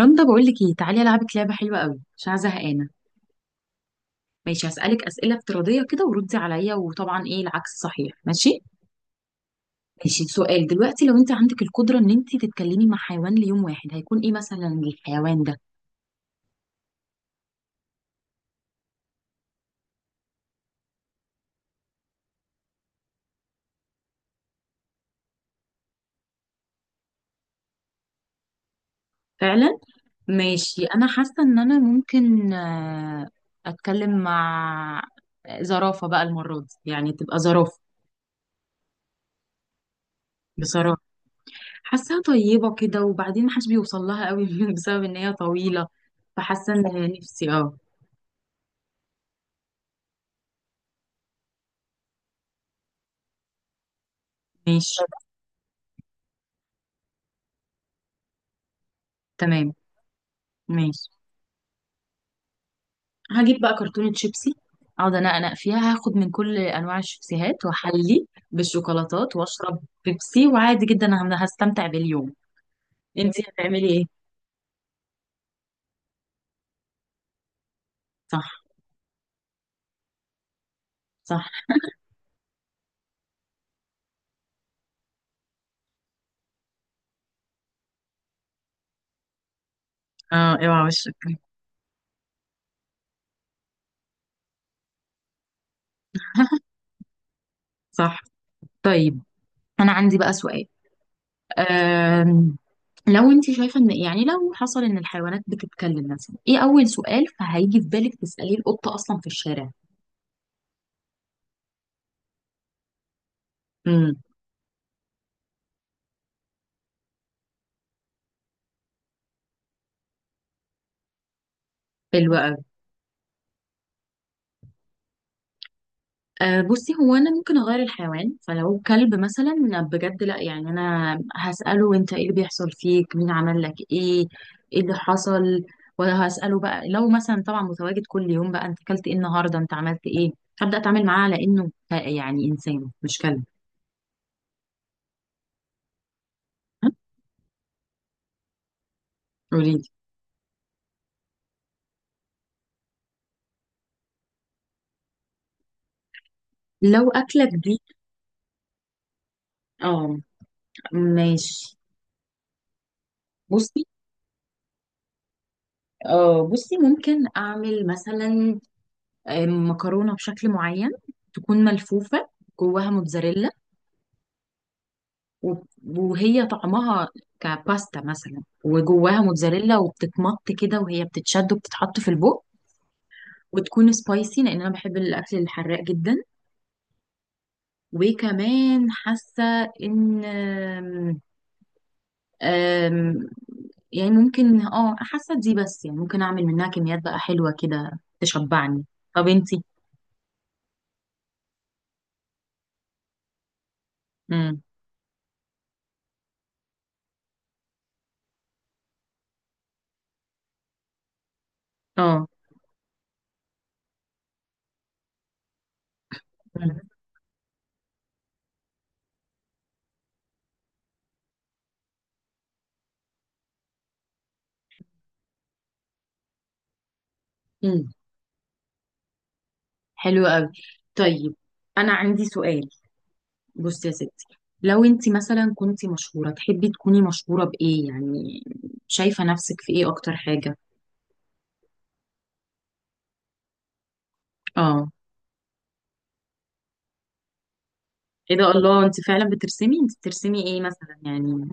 رندا بقول لك ايه، تعالي العبك لعبه حلوه قوي. مش عايزه زهقانه. ماشي، هسالك اسئله افتراضيه كده وردي عليا، وطبعا ايه العكس صحيح. ماشي ماشي. سؤال دلوقتي، لو انت عندك القدره ان انت تتكلمي مع حيوان ليوم واحد، هيكون ايه مثلا الحيوان ده؟ فعلا. ماشي، انا حاسه ان انا ممكن اتكلم مع زرافه بقى المره دي، يعني تبقى زرافه. بصراحه حاساها طيبه كده، وبعدين محدش بيوصل لها قوي بسبب ان هي طويله، فحاسه ان نفسي اه. ماشي. تمام. ماشي. هجيب بقى كرتونة شيبسي، اقعد انقنق فيها، هاخد من كل انواع الشيبسيهات واحلي بالشوكولاتات واشرب بيبسي، وعادي جدا انا هستمتع باليوم. انتي هتعملي ايه؟ صح. صح. اه اوعى وشك. صح. طيب انا عندي بقى سؤال. أم... لو انت شايفه ان، يعني لو حصل ان الحيوانات بتتكلم، مثلا ايه اول سؤال فهيجي في بالك تساليه القطه اصلا في الشارع؟ امم. حلو. أه بصي، هو انا ممكن اغير الحيوان، فلو كلب مثلا. بجد لا، يعني انا هساله انت ايه اللي بيحصل فيك، مين عمل لك ايه، ايه اللي حصل. وهساله بقى لو مثلا طبعا متواجد كل يوم بقى، انت اكلت ايه النهارده، انت عملت ايه. هبدا اتعامل معاه على انه يعني انسان مش كلب. ها؟ قوليلي. لو اكلك دي؟ اه. ماشي. بصي اه، بصي ممكن اعمل مثلا مكرونه بشكل معين، تكون ملفوفه جواها موتزاريلا، و- وهي طعمها كباستا مثلا، وجواها موتزاريلا، وبتتمط كده وهي بتتشد، وبتتحط في البوق. وتكون سبايسي لان انا بحب الاكل الحراق جدا. وكمان حاسه ان أم- أم، يعني ممكن اه، حاسه دي، بس يعني ممكن اعمل منها كميات بقى حلوه كده تشبعني. طب انتي؟ امم. اه. امم. حلو قوي. طيب انا عندي سؤال. بصي يا ستي، لو انت مثلا كنت مشهورة، تحبي تكوني مشهورة بإيه يعني؟ شايفة نفسك في إيه أكتر حاجة؟ اه. ايه ده، الله، انت فعلا بترسمي؟ انت بترسمي ايه مثلا يعني؟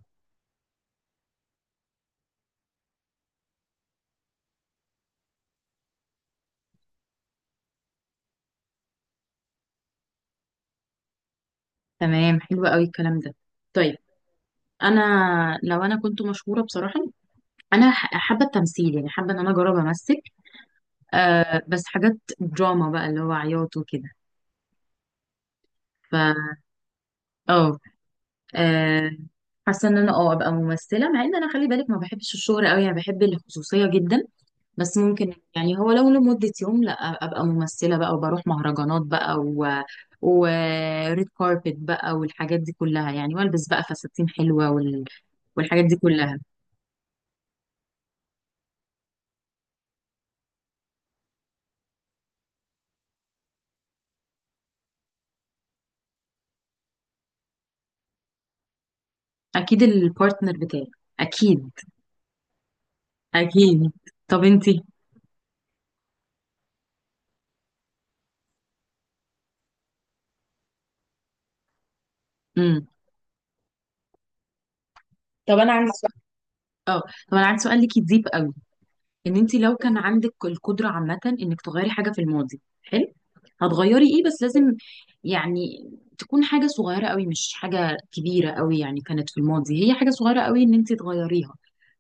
تمام، حلو قوي الكلام ده. طيب، انا لو انا كنت مشهورة بصراحة، انا حابة التمثيل، يعني حابة ان انا اجرب امثل. آه بس حاجات دراما بقى، اللي هو عياط وكده. ف اه، آه، حاسه ان انا اه ابقى ممثله. مع ان انا، خلي بالك، ما بحبش الشهرة قوي، يعني بحب الخصوصيه جدا، بس ممكن، يعني هو لو لمده يوم، لا، ابقى ممثله بقى، وبروح مهرجانات بقى، و وريد كاربت بقى، والحاجات دي كلها يعني، والبس بقى فساتين حلوه والحاجات دي كلها. اكيد البارتنر بتاعي. اكيد. اكيد. طب انتي؟ امم. طب انا عندي سؤال. طب انا عندي سؤال ليكي ديب. ان انت لو كان عندك القدره عامه انك تغيري حاجه في الماضي. حلو. هتغيري ايه، بس لازم يعني تكون حاجه صغيره قوي مش حاجه كبيره قوي، يعني كانت في الماضي هي حاجه صغيره قوي ان انت تغيريها.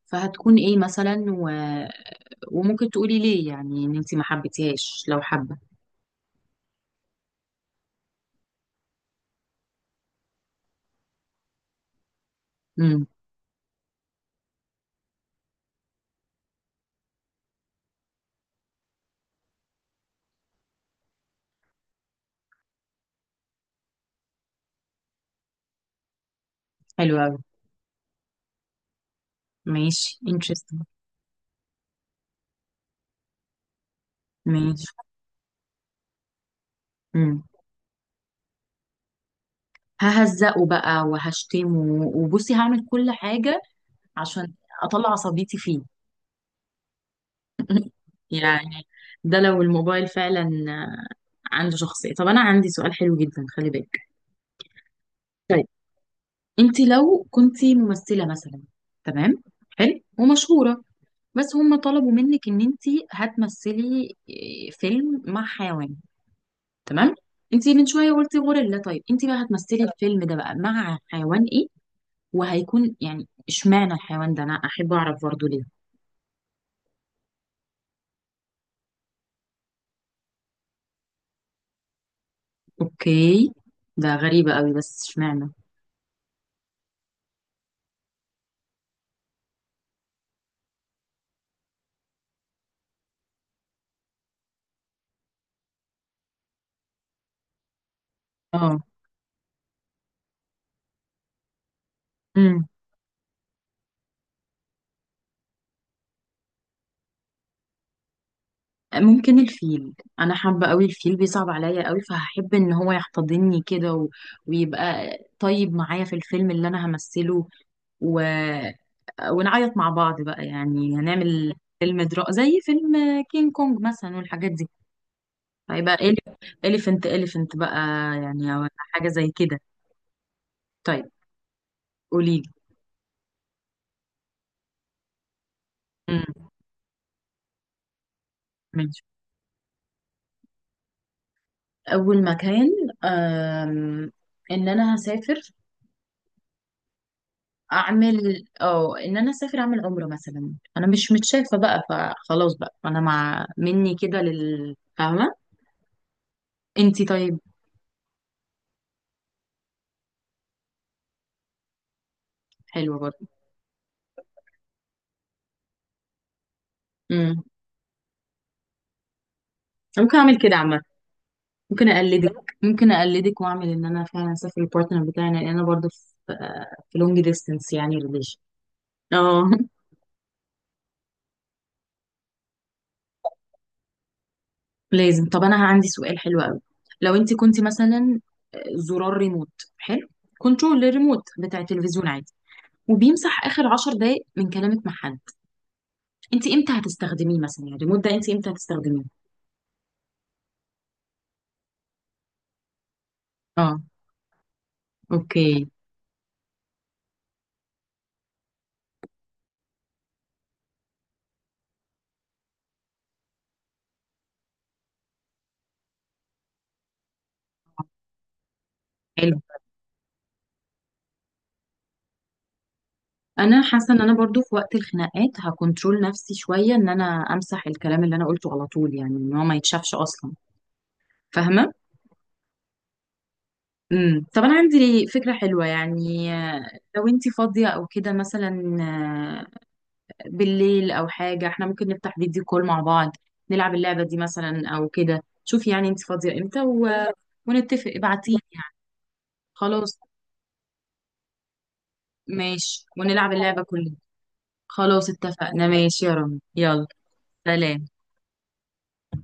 فهتكون ايه مثلا وممكن تقولي ليه، يعني ان انت ما حبيتيهاش، لو حابه. امم. حلو قوي. ماشي interesting. ماشي. امم. ههزقه بقى وهشتمه، وبصي هعمل كل حاجه عشان اطلع عصبيتي فيه. يعني ده لو الموبايل فعلا آه، عنده شخصية. طب أنا عندي سؤال حلو جدا، خلي بالك. طيب، أنت لو كنت ممثلة مثلا، تمام، حلو ومشهورة، بس هم طلبوا منك إن أنت هتمثلي فيلم مع حيوان. تمام، أنت من شوية قلتي غوريلا، طيب أنت بقى هتمثلي الفيلم ده بقى مع حيوان إيه؟ وهيكون يعني إشمعنى الحيوان ده، أنا أحب أعرف برضه ليه. أوكي. ده غريبة قوي، بس إشمعنى؟ اه. ممكن الفيل، انا حابه قوي الفيل، بيصعب عليا قوي، فهحب ان هو يحتضنني كده ويبقى طيب معايا في الفيلم اللي انا همثله، و... ونعيط مع بعض بقى، يعني هنعمل فيلم درا، زي فيلم كينج كونج مثلا والحاجات دي. هيبقى اليفنت، اليفنت بقى، يعني أو حاجه زي كده. طيب. قولي لي. ماشي. اول مكان، أم... ان انا هسافر، اعمل اه ان انا اسافر، اعمل عمره مثلا، انا مش متشافه بقى، فخلاص بقى فانا مع مني كده لل، فاهمه. انتي طيب؟ حلوه برضه. امم. ممكن اعمل كده عامه، ممكن اقلدك. ممكن اقلدك واعمل ان انا فعلا اسافر البارتنر بتاعي، لان انا برضه في في لونج ديستنس، يعني ريليشن. اه. لازم. طب انا عندي سؤال حلو قوي. لو انت كنت مثلا زرار ريموت، حلو، كنترول للريموت بتاع التلفزيون عادي، وبيمسح اخر 10 دقايق من كلامك مع حد، انت امتى هتستخدميه مثلا، يعني الريموت ده انت امتى هتستخدميه؟ اه. اوكي. حلو. انا حاسه ان انا برضو في وقت الخناقات هكنترول نفسي شويه، ان انا امسح الكلام اللي انا قلته على طول، يعني ان هو ما يتشافش اصلا، فاهمه. امم. طب انا عندي فكره حلوه، يعني لو انت فاضيه او كده مثلا بالليل او حاجه، احنا ممكن نفتح فيديو كول مع بعض، نلعب اللعبه دي مثلا او كده. شوفي يعني انت فاضيه امتى ونتفق، ابعتيلي يعني. خلاص. ماشي، ونلعب اللعبه كلنا. خلاص اتفقنا، ماشي يا رامي يلا. سلام.